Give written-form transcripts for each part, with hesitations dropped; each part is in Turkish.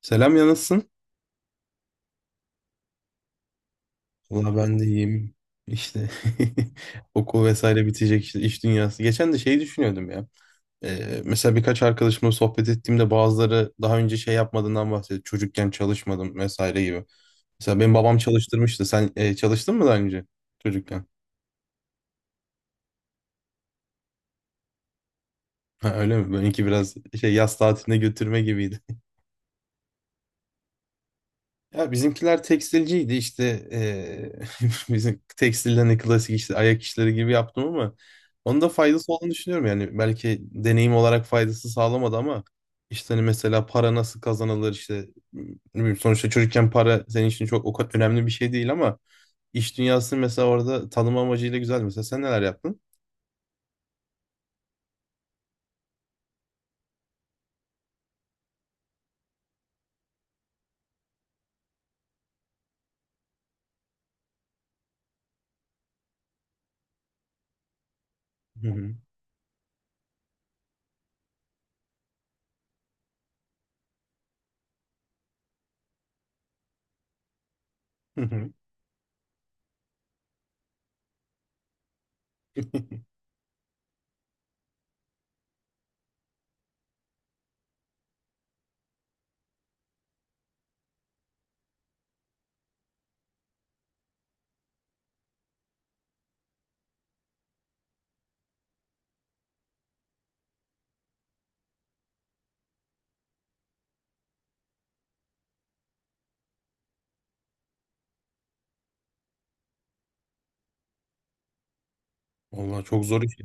Selam ya, nasılsın? Valla ben de iyiyim. İşte okul vesaire bitecek, işte iş dünyası. Geçen de şeyi düşünüyordum ya. Mesela birkaç arkadaşımla sohbet ettiğimde bazıları daha önce şey yapmadığından bahsediyor. Çocukken çalışmadım vesaire gibi. Mesela benim babam çalıştırmıştı. Sen çalıştın mı daha önce çocukken? Ha, öyle mi? Benimki biraz şey yaz tatiline götürme gibiydi. Ya bizimkiler tekstilciydi, işte bizim tekstilden de klasik işte ayak işleri gibi yaptım, ama onun da faydası olduğunu düşünüyorum. Yani belki deneyim olarak faydası sağlamadı, ama işte hani mesela para nasıl kazanılır, işte ne bileyim, sonuçta çocukken para senin için çok o kadar önemli bir şey değil, ama iş dünyası mesela orada tanım amacıyla güzel. Mesela sen neler yaptın? Hı hı. Hı hı. Vallahi çok zor iş.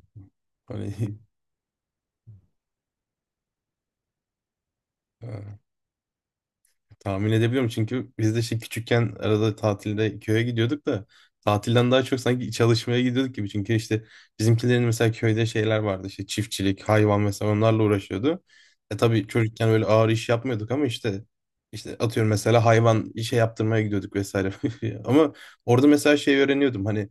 Hani tahmin edebiliyorum, çünkü biz de işte küçükken arada tatilde köye gidiyorduk da tatilden daha çok sanki çalışmaya gidiyorduk gibi. Çünkü işte bizimkilerin mesela köyde şeyler vardı, işte çiftçilik, hayvan, mesela onlarla uğraşıyordu. E tabii çocukken böyle ağır iş yapmıyorduk, ama işte atıyorum mesela hayvan işe yaptırmaya gidiyorduk vesaire. Ama orada mesela şey öğreniyordum, hani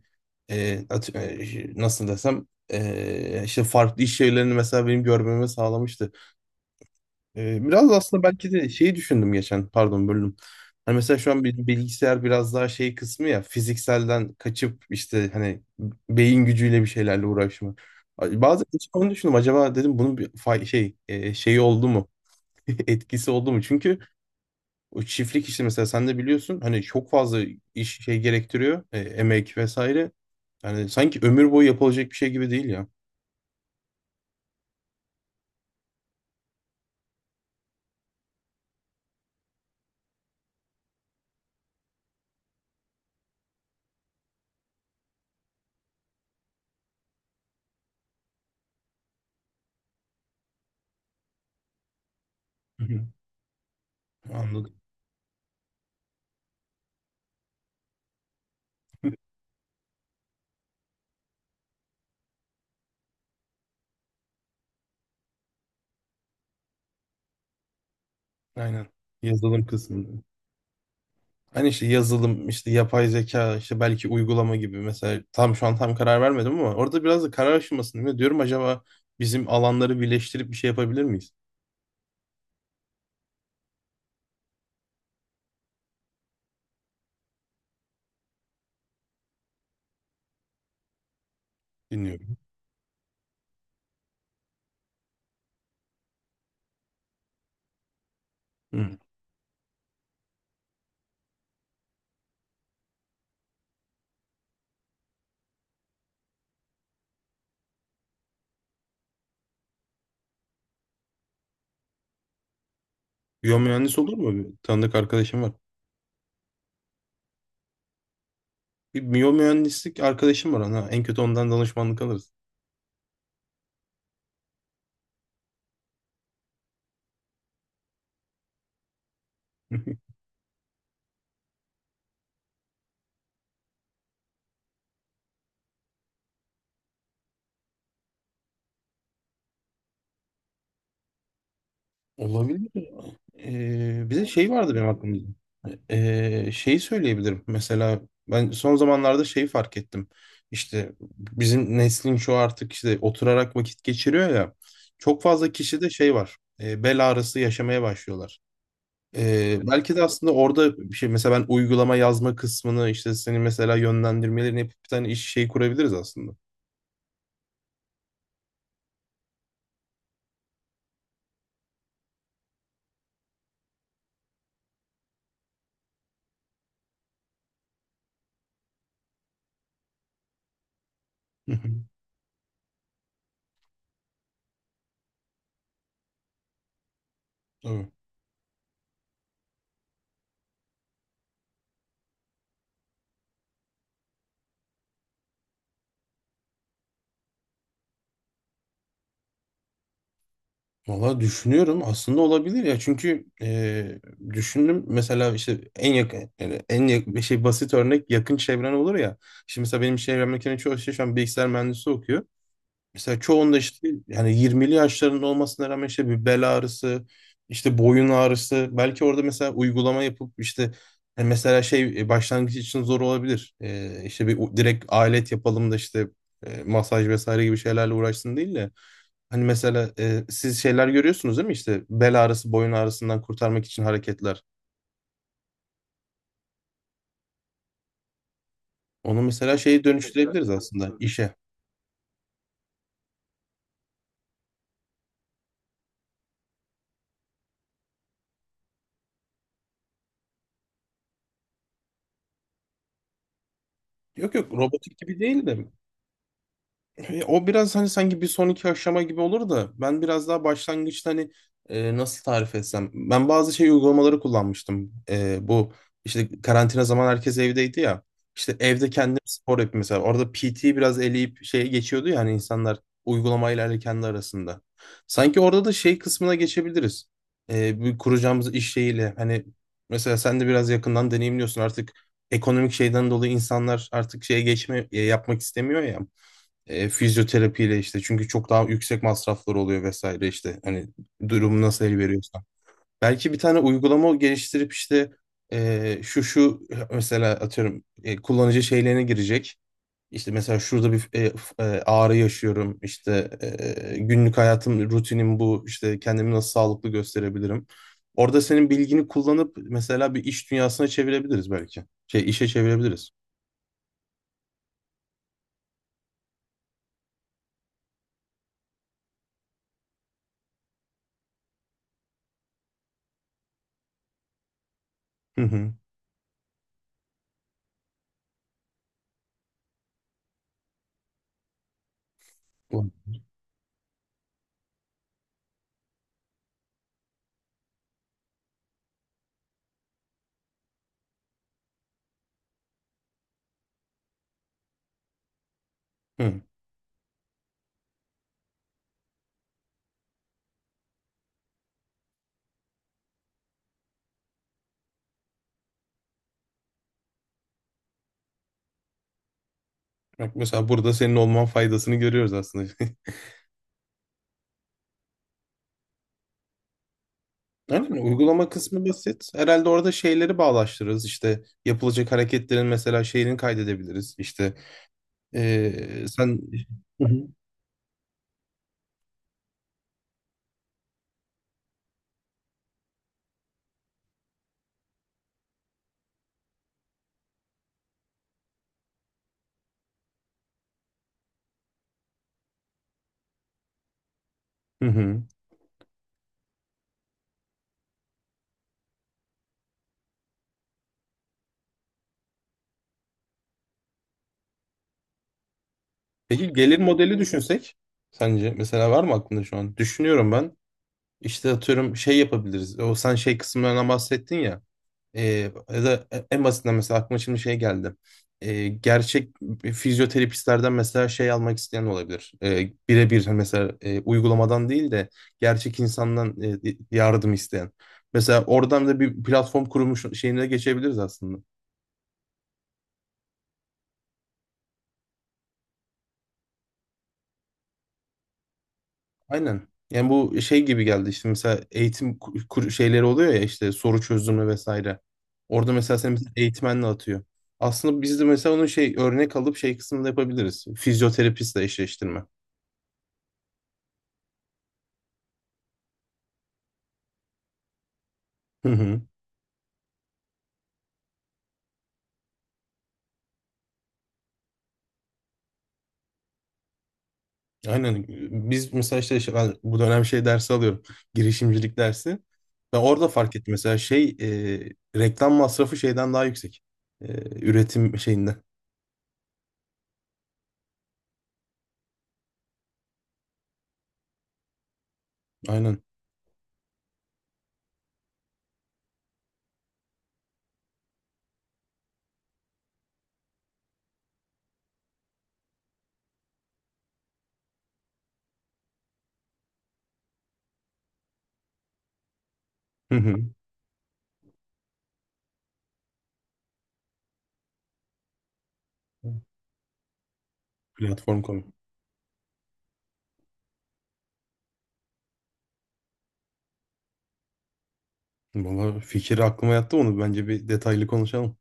nasıl desem, işte farklı iş şeylerini mesela benim görmeme sağlamıştı. Biraz da aslında belki de şeyi düşündüm geçen, pardon, bölüm. Hani mesela şu an bilgisayar biraz daha şey kısmı ya, fizikselden kaçıp işte hani beyin gücüyle bir şeylerle uğraşma. Bazen hiç onu düşündüm, acaba dedim, bunun bir şey şeyi oldu mu? Etkisi oldu mu? Çünkü o çiftlik işi mesela sen de biliyorsun, hani çok fazla iş şey gerektiriyor, emek vesaire. Yani sanki ömür boyu yapılacak bir şey gibi değil ya. Hı hı. Anladım. Aynen. Yazılım kısmı. Hani işte yazılım, işte yapay zeka, işte belki uygulama gibi, mesela tam şu an tam karar vermedim, ama orada biraz da karar aşamasındayım. Ve diyorum, acaba bizim alanları birleştirip bir şey yapabilir miyiz? Dinliyorum. Hı. Biyomühendis olur mu? Bir tanıdık arkadaşım var. Bir biyomühendislik arkadaşım var, ona. En kötü ondan danışmanlık alırız. Olabilir. Bir de şey vardı benim aklımda. Şeyi söyleyebilirim. Mesela ben son zamanlarda şeyi fark ettim. İşte bizim neslin şu, artık işte oturarak vakit geçiriyor ya. Çok fazla kişi de şey var. Bel ağrısı yaşamaya başlıyorlar. Belki de aslında orada bir şey, mesela ben uygulama yazma kısmını, işte seni mesela yönlendirmelerini yapıp bir tane iş şey kurabiliriz aslında. Hı hı. Tabii. Valla düşünüyorum, aslında olabilir ya, çünkü düşündüm mesela, işte en yakın, yani en yakın, bir şey basit örnek yakın çevren olur ya. Şimdi mesela benim çevremdeki çoğu şey şu an bilgisayar mühendisi okuyor. Mesela çoğunda işte, yani 20'li yaşlarında olmasına rağmen, işte bir bel ağrısı, işte boyun ağrısı. Belki orada mesela uygulama yapıp işte, mesela şey başlangıç için zor olabilir. E, işte bir direkt alet yapalım da işte masaj vesaire gibi şeylerle uğraşsın değil de. Hani mesela, siz şeyler görüyorsunuz değil mi? İşte bel ağrısı, boyun ağrısından kurtarmak için hareketler. Onu mesela şeye dönüştürebiliriz aslında, işe. Yok yok, robotik gibi değil de. E, o biraz hani sanki bir sonraki aşama gibi olur da, ben biraz daha başlangıçta, hani nasıl tarif etsem. Ben bazı şey uygulamaları kullanmıştım. E, bu işte karantina zaman herkes evdeydi ya. İşte evde kendim spor yapayım mesela. Orada PT biraz eleyip şeye geçiyordu ya, hani insanlar uygulamayla ile kendi arasında. Sanki orada da şey kısmına geçebiliriz. E, bir kuracağımız iş şeyiyle, hani mesela sen de biraz yakından deneyimliyorsun artık ekonomik şeyden dolayı, insanlar artık şeye geçme yapmak istemiyor ya. E, fizyoterapiyle işte, çünkü çok daha yüksek masraflar oluyor vesaire, işte hani durumu nasıl el veriyorsa. Belki bir tane uygulama geliştirip işte, şu şu mesela atıyorum, kullanıcı şeylerine girecek. İşte mesela şurada bir ağrı yaşıyorum, işte günlük hayatım, rutinim bu, işte kendimi nasıl sağlıklı gösterebilirim. Orada senin bilgini kullanıp mesela bir iş dünyasına çevirebiliriz belki. Şey işe çevirebiliriz. Hı hı. Hı. Bak mesela burada senin olman faydasını görüyoruz aslında. Aynen, uygulama kısmı basit. Herhalde orada şeyleri bağlaştırırız. İşte yapılacak hareketlerin mesela şeyini kaydedebiliriz. İşte sen... Hı hı. Hı hı. Peki gelir modeli düşünsek, sence mesela var mı aklında şu an? Düşünüyorum ben. İşte atıyorum şey yapabiliriz. O sen şey kısımlarından bahsettin ya. E, Ya da en basitinden mesela aklıma şimdi şey geldi. E, gerçek fizyoterapistlerden mesela şey almak isteyen olabilir. E, birebir hani mesela, uygulamadan değil de gerçek insandan yardım isteyen. Mesela oradan da bir platform kurmuş şeyine geçebiliriz aslında. Aynen. Yani bu şey gibi geldi, işte mesela eğitim şeyleri oluyor ya, işte soru çözümü vesaire. Orada mesela sen mesela eğitmenle atıyor. Aslında biz de mesela onun şey örnek alıp şey kısmında yapabiliriz. Fizyoterapistle eşleştirme. Hı hı. Aynen. Biz mesela işte ben bu dönem şey dersi alıyorum. Girişimcilik dersi. Ben orada fark ettim mesela şey, reklam masrafı şeyden daha yüksek. E, Üretim şeyinde. Aynen. Hı hı. Platform. Valla fikir aklıma yattı onu. Bence bir detaylı konuşalım.